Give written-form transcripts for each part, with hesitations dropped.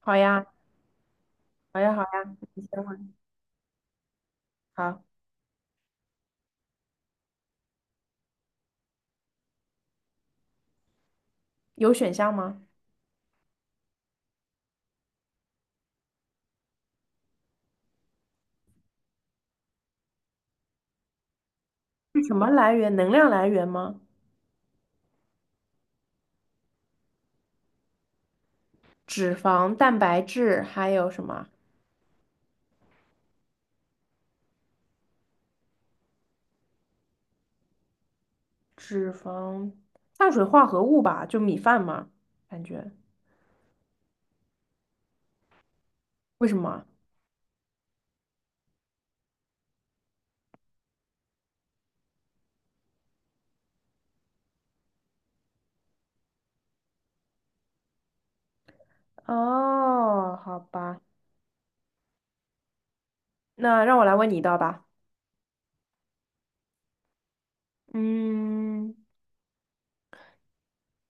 好呀，好呀，好呀，你先问。好，有选项吗？是什么来源？能量来源吗？脂肪、蛋白质，还有什么？脂肪、碳水化合物吧，就米饭嘛，感觉。为什么？哦，好吧，那让我来问你一道吧。嗯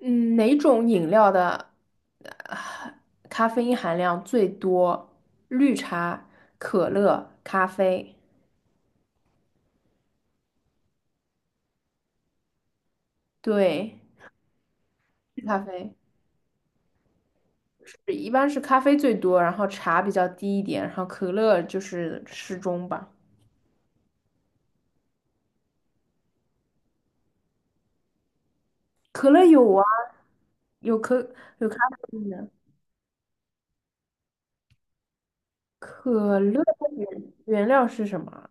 嗯，哪种饮料的呃咖啡因含量最多？绿茶、可乐、咖啡。对，是咖啡。是，一般是咖啡最多，然后茶比较低一点，然后可乐就是适中吧。可乐有啊，有可有咖啡因的。可乐的原料是什么啊？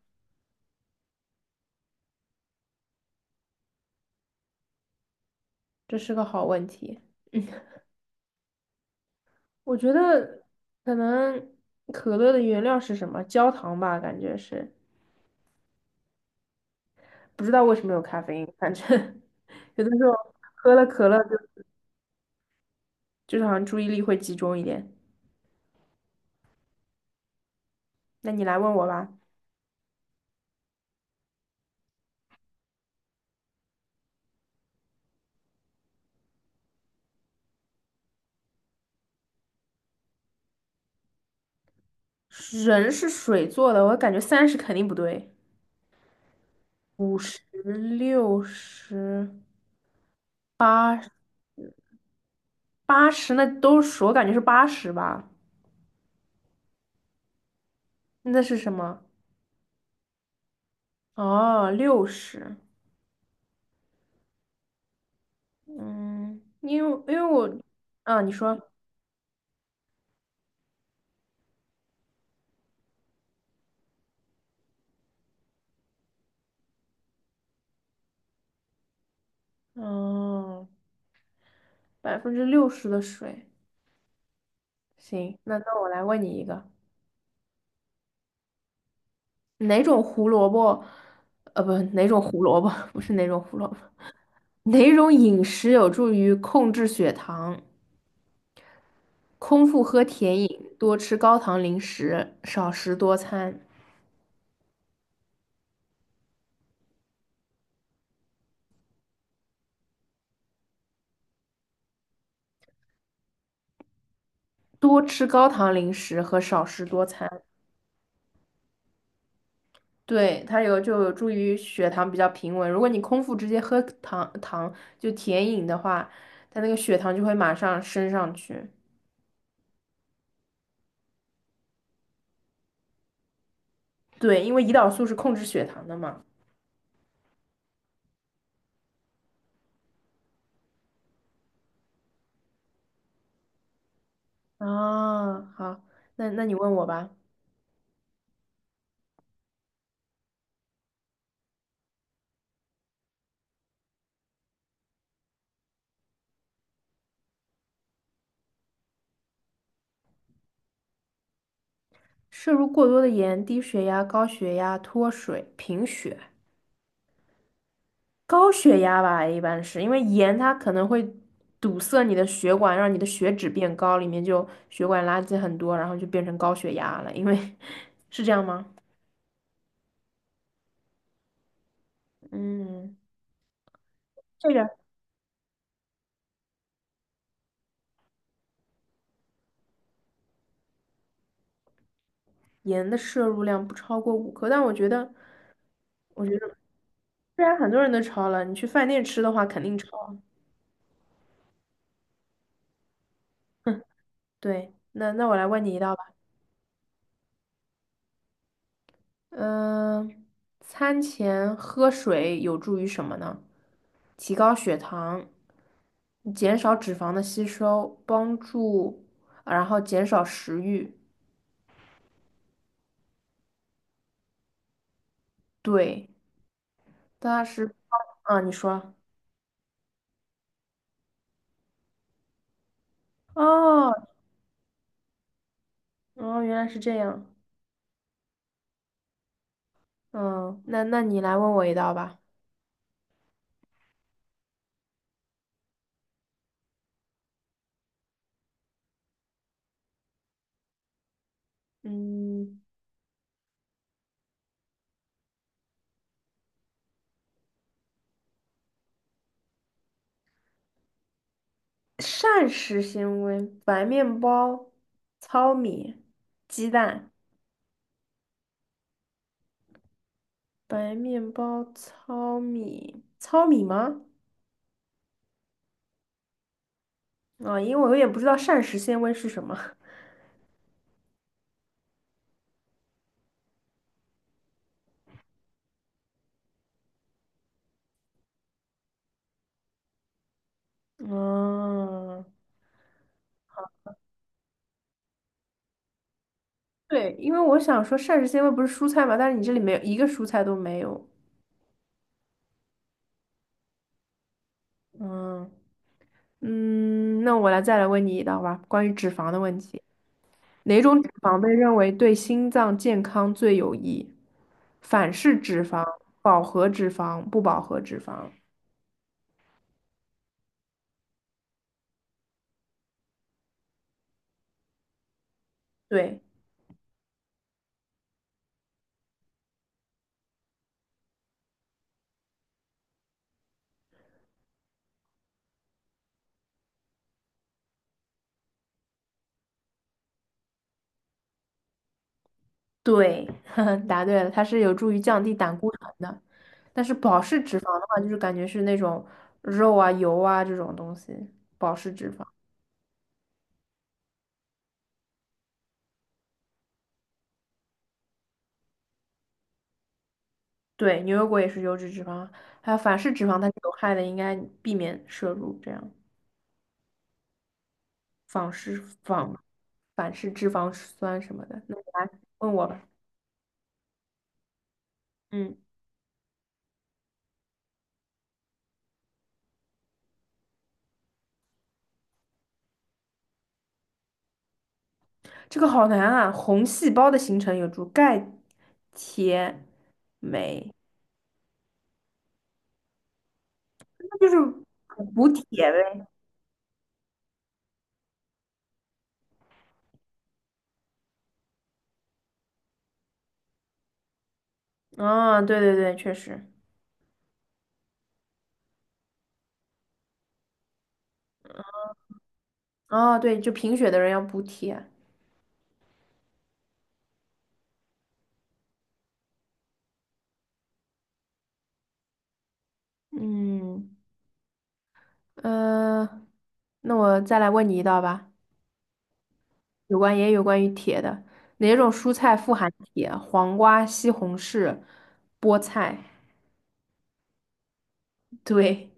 这是个好问题。嗯，我觉得可能可乐的原料是什么？焦糖吧，感觉是。不知道为什么有咖啡因，反正 有的时候喝了可乐就是好像注意力会集中一点。那你来问我吧。人是水做的，我感觉30肯定不对。50、六十、八八十，那都是我感觉是八十吧？那是什么？哦，六十。嗯，因为我，啊，你说，嗯，60%的水。行，那我来问你一个，哪种胡萝卜？不，哪种胡萝卜？不是哪种胡萝卜，哪种饮食有助于控制血糖？空腹喝甜饮，多吃高糖零食，少食多餐。多吃高糖零食和少食多餐，对，它有就有助于血糖比较平稳。如果你空腹直接喝糖糖就甜饮的话，它那个血糖就会马上升上去。对，因为胰岛素是控制血糖的嘛。啊，好，那你问我吧。摄入过多的盐，低血压、高血压、脱水、贫血。高血压吧，一般是因为盐它可能会堵塞你的血管，让你的血脂变高，里面就血管垃圾很多，然后就变成高血压了。因为 是这样吗？嗯，这个盐的摄入量不超过5克，但我觉得虽然很多人都超了，你去饭店吃的话肯定超。对，那我来问你一道吧。嗯、餐前喝水有助于什么呢？提高血糖。减少脂肪的吸收，帮助，然后减少食欲。对，它是，啊，你说，哦，哦，原来是这样。嗯，那你来问我一道吧。嗯，膳食纤维：白面包、糙米、鸡蛋。白面包、糙米，糙米吗？啊，因为我有点不知道膳食纤维是什么。嗯，对，因为我想说膳食纤维不是蔬菜嘛，但是你这里没有一个蔬菜都没有。嗯嗯，那我再来问你一道吧，关于脂肪的问题，哪种脂肪被认为对心脏健康最有益？反式脂肪、饱和脂肪、不饱和脂肪。对对，答对了，它是有助于降低胆固醇的。但是饱式脂肪的话，就是感觉是那种肉啊、油啊这种东西，饱式脂肪。对，牛油果也是油脂脂肪，还有反式脂肪它是有害的，应该避免摄入这样反式反反式脂肪酸什么的。那你来问我吧，嗯，这个好难啊。红细胞的形成有助钙、铁、镁，那就是补铁呗。啊，对对对，确实。哦，对，就贫血的人要补铁。嗯，呃，那我再来问你一道吧。有关也有关于铁的，哪种蔬菜富含铁？黄瓜、西红柿、菠菜。对，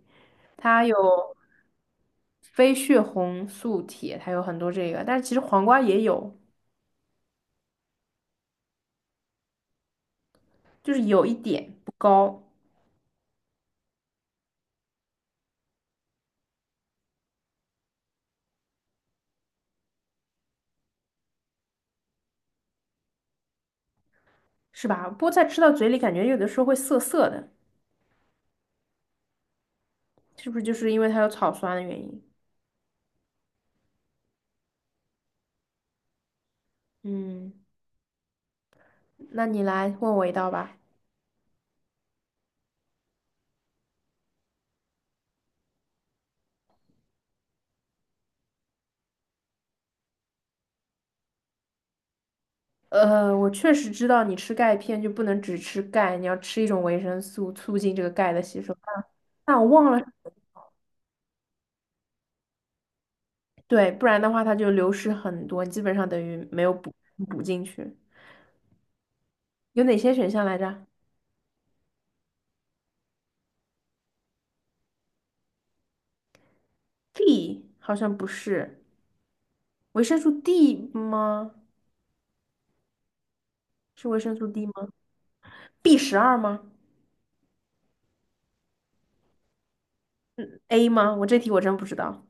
它有非血红素铁，它有很多这个，但是其实黄瓜也有，就是有一点不高，是吧？菠菜吃到嘴里感觉有的时候会涩涩的，是不是就是因为它有草酸的原因？嗯，那你来问我一道吧。我确实知道你吃钙片就不能只吃钙，你要吃一种维生素，促进这个钙的吸收。但我忘了，对，不然的话它就流失很多，基本上等于没有补进去。有哪些选项来着 d 好像不是维生素 D 吗？是维生素 D 吗？B12吗？A 吗？我这题我真不知道。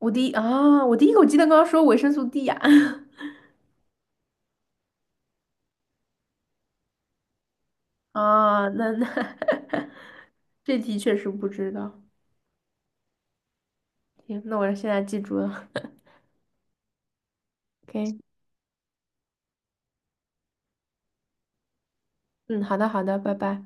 我第一啊，我第一口记得刚刚说维生素 D 呀、啊，那 这题确实不知道。行，那我现在记住了。OK，嗯，好的好的，拜拜。